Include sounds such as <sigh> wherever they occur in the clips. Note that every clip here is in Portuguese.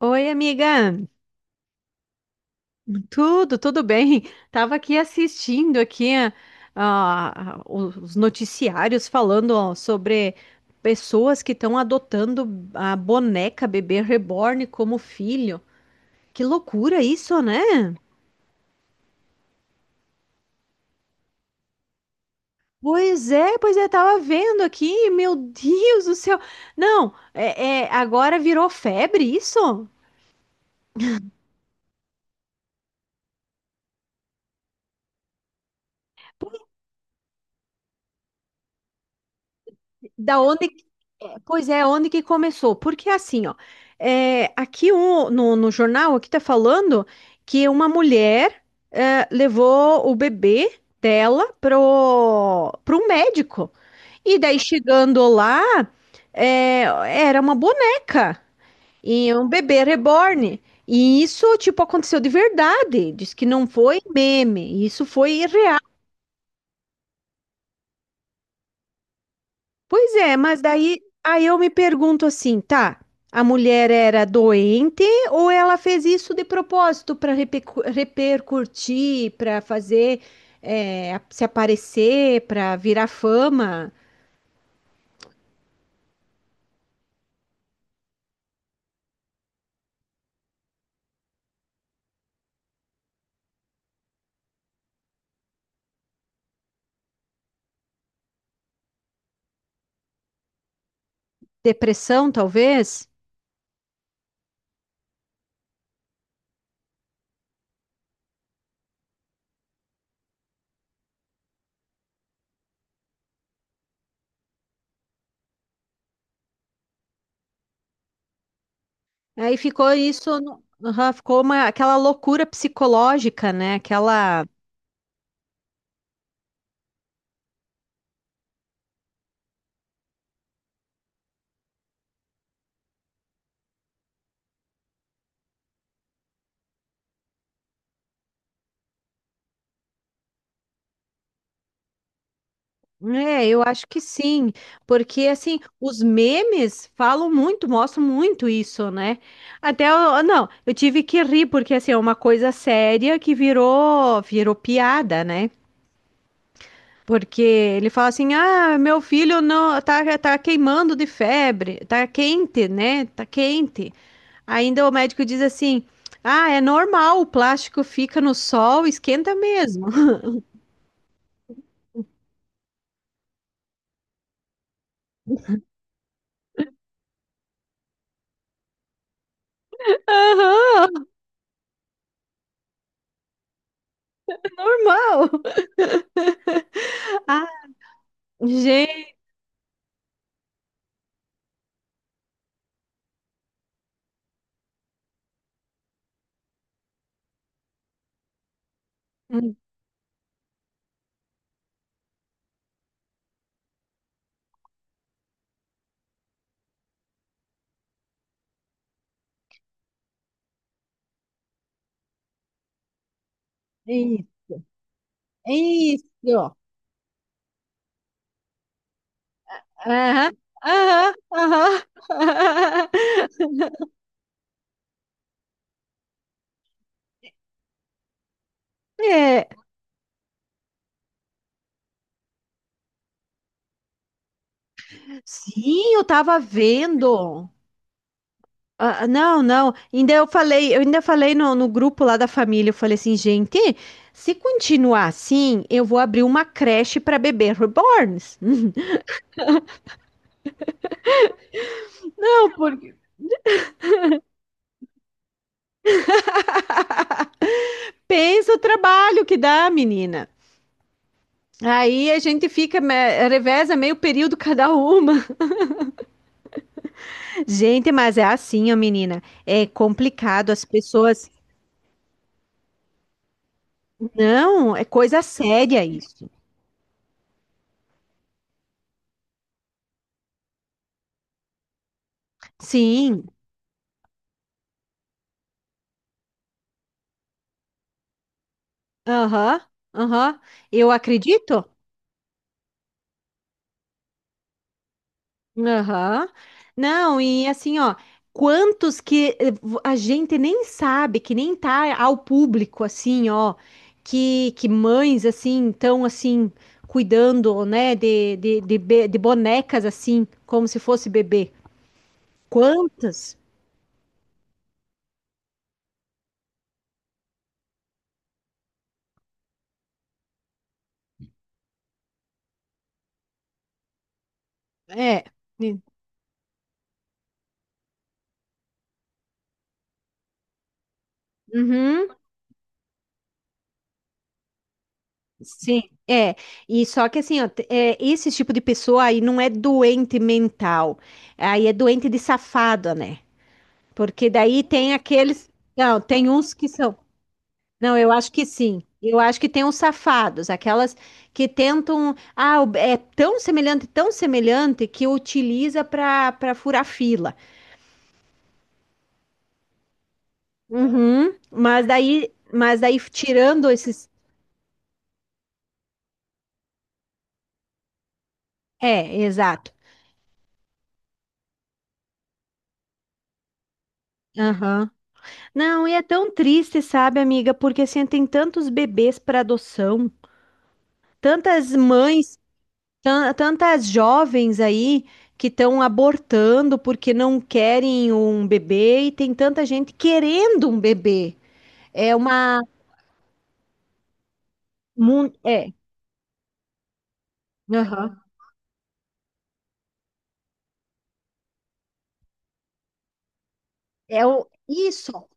Oi, amiga. Tudo, bem? Tava aqui assistindo aqui os noticiários falando, ó, sobre pessoas que estão adotando a boneca bebê reborn como filho. Que loucura isso, né? Pois é, tava vendo aqui, meu Deus do céu. Não, é, agora virou febre isso? Da onde, é, pois é, onde que começou? Porque assim, ó, é, aqui no, no jornal aqui tá falando que uma mulher, levou o bebê dela pro médico. E daí chegando lá, é, era uma boneca e um bebê reborn. E isso, tipo, aconteceu de verdade. Diz que não foi meme, isso foi real. Pois é, mas daí aí eu me pergunto assim, tá? A mulher era doente ou ela fez isso de propósito para repercutir, para fazer, se aparecer, para virar fama, depressão talvez? Aí ficou isso, aham, ficou uma, aquela loucura psicológica, né? Aquela... É, eu acho que sim, porque assim, os memes falam muito, mostram muito isso, né? Até eu, não, eu tive que rir porque assim, é uma coisa séria que virou piada, né? Porque ele fala assim: "Ah, meu filho não tá queimando de febre, tá quente, né? Tá quente". Ainda o médico diz assim: "Ah, é normal, o plástico fica no sol, esquenta mesmo". <laughs> Aham, normal. Ah, gente. Isso. Aham, aham, aham. <laughs> É, sim, eu tava vendo. Ah, ah, não, não. Ainda eu falei, eu ainda falei no grupo lá da família, eu falei assim, gente, se continuar assim, eu vou abrir uma creche para bebê reborns. Não, porque... <laughs> pensa o trabalho que dá, menina. Aí a gente fica, reveza meio período cada uma. <laughs> Gente, mas é assim, ó, menina. É complicado as pessoas. Não, é coisa séria isso. Sim, aham, aham. Eu acredito? Aham. Não, e assim, ó, quantos que a gente nem sabe, que nem tá ao público, assim, ó, que mães, assim, estão, assim, cuidando, né, de bonecas, assim, como se fosse bebê. Quantas? É. Uhum. Sim, é. E só que assim, ó, é, esse tipo de pessoa aí não é doente mental, aí é doente de safado, né? Porque daí tem aqueles. Não, tem uns que são. Não, eu acho que sim. Eu acho que tem uns safados, aquelas que tentam. Ah, é tão semelhante que utiliza para furar fila. Uhum, mas daí tirando esses. É, exato. Aham. Não, e é tão triste, sabe, amiga? Porque assim, tem tantos bebês para adoção, tantas mães, tantas jovens aí que estão abortando porque não querem um bebê e tem tanta gente querendo um bebê. É uma... É. Aham. É o... isso.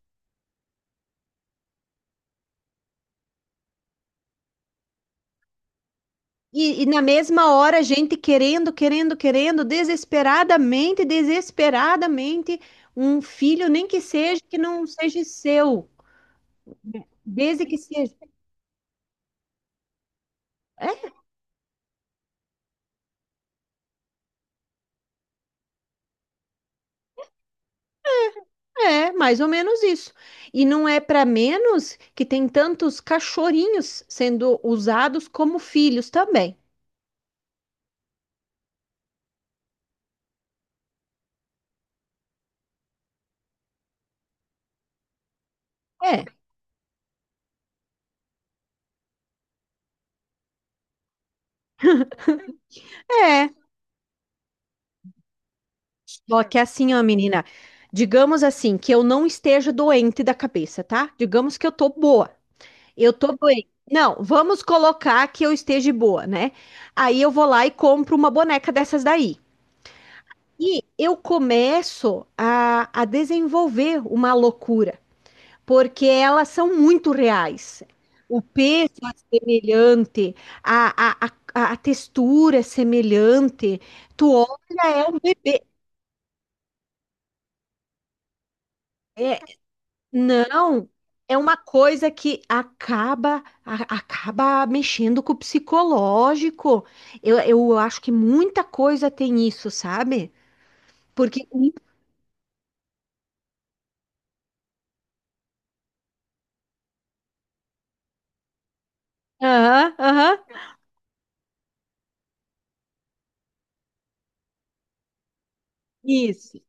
E na mesma hora, a gente querendo, querendo, querendo, desesperadamente, desesperadamente, um filho, nem que seja que não seja seu, desde que seja. É, é, mais ou menos isso. E não é para menos que tem tantos cachorrinhos sendo usados como filhos também. É, é. Só que assim, ó, menina, digamos assim, que eu não esteja doente da cabeça, tá? Digamos que eu tô boa. Eu tô doente. Não, vamos colocar que eu esteja boa, né? Aí eu vou lá e compro uma boneca dessas daí. E eu começo a desenvolver uma loucura, porque elas são muito reais. O peso é semelhante, a, a, a textura é semelhante. Tu olha, é um bebê. É, não, é uma coisa que acaba acaba mexendo com o psicológico. Eu acho que muita coisa tem isso, sabe? Porque... Aham, aham, isso.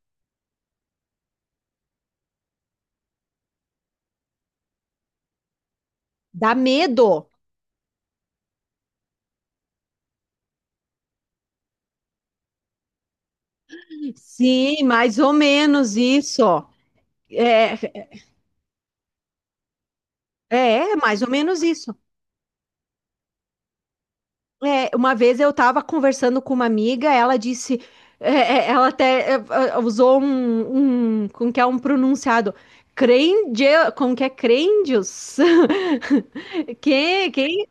Dá medo. Sim, mais ou menos isso. É. É, é mais ou menos isso. É, uma vez eu estava conversando com uma amiga, ela disse, é, ela até usou um, como que é um pronunciado, crende, como que é crendios? <laughs> Que, que,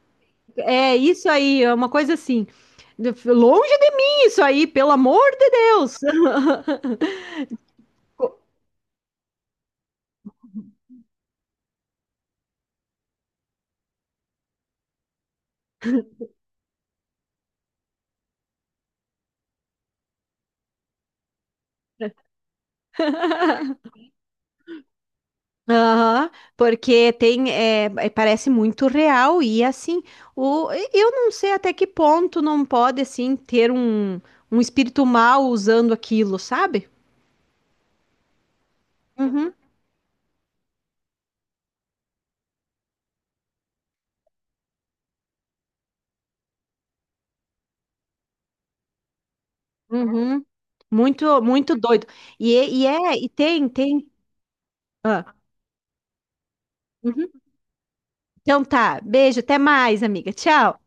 é isso aí, é uma coisa assim, longe de mim isso aí, pelo amor de Deus. <laughs> Aham, porque tem, parece muito real e assim, o, eu não sei até que ponto não pode assim ter um espírito mal usando aquilo, sabe? Uhum, uhum. Muito, muito doido. E, é, tem, tem. Ah, uhum. Então tá, beijo, até mais, amiga. Tchau.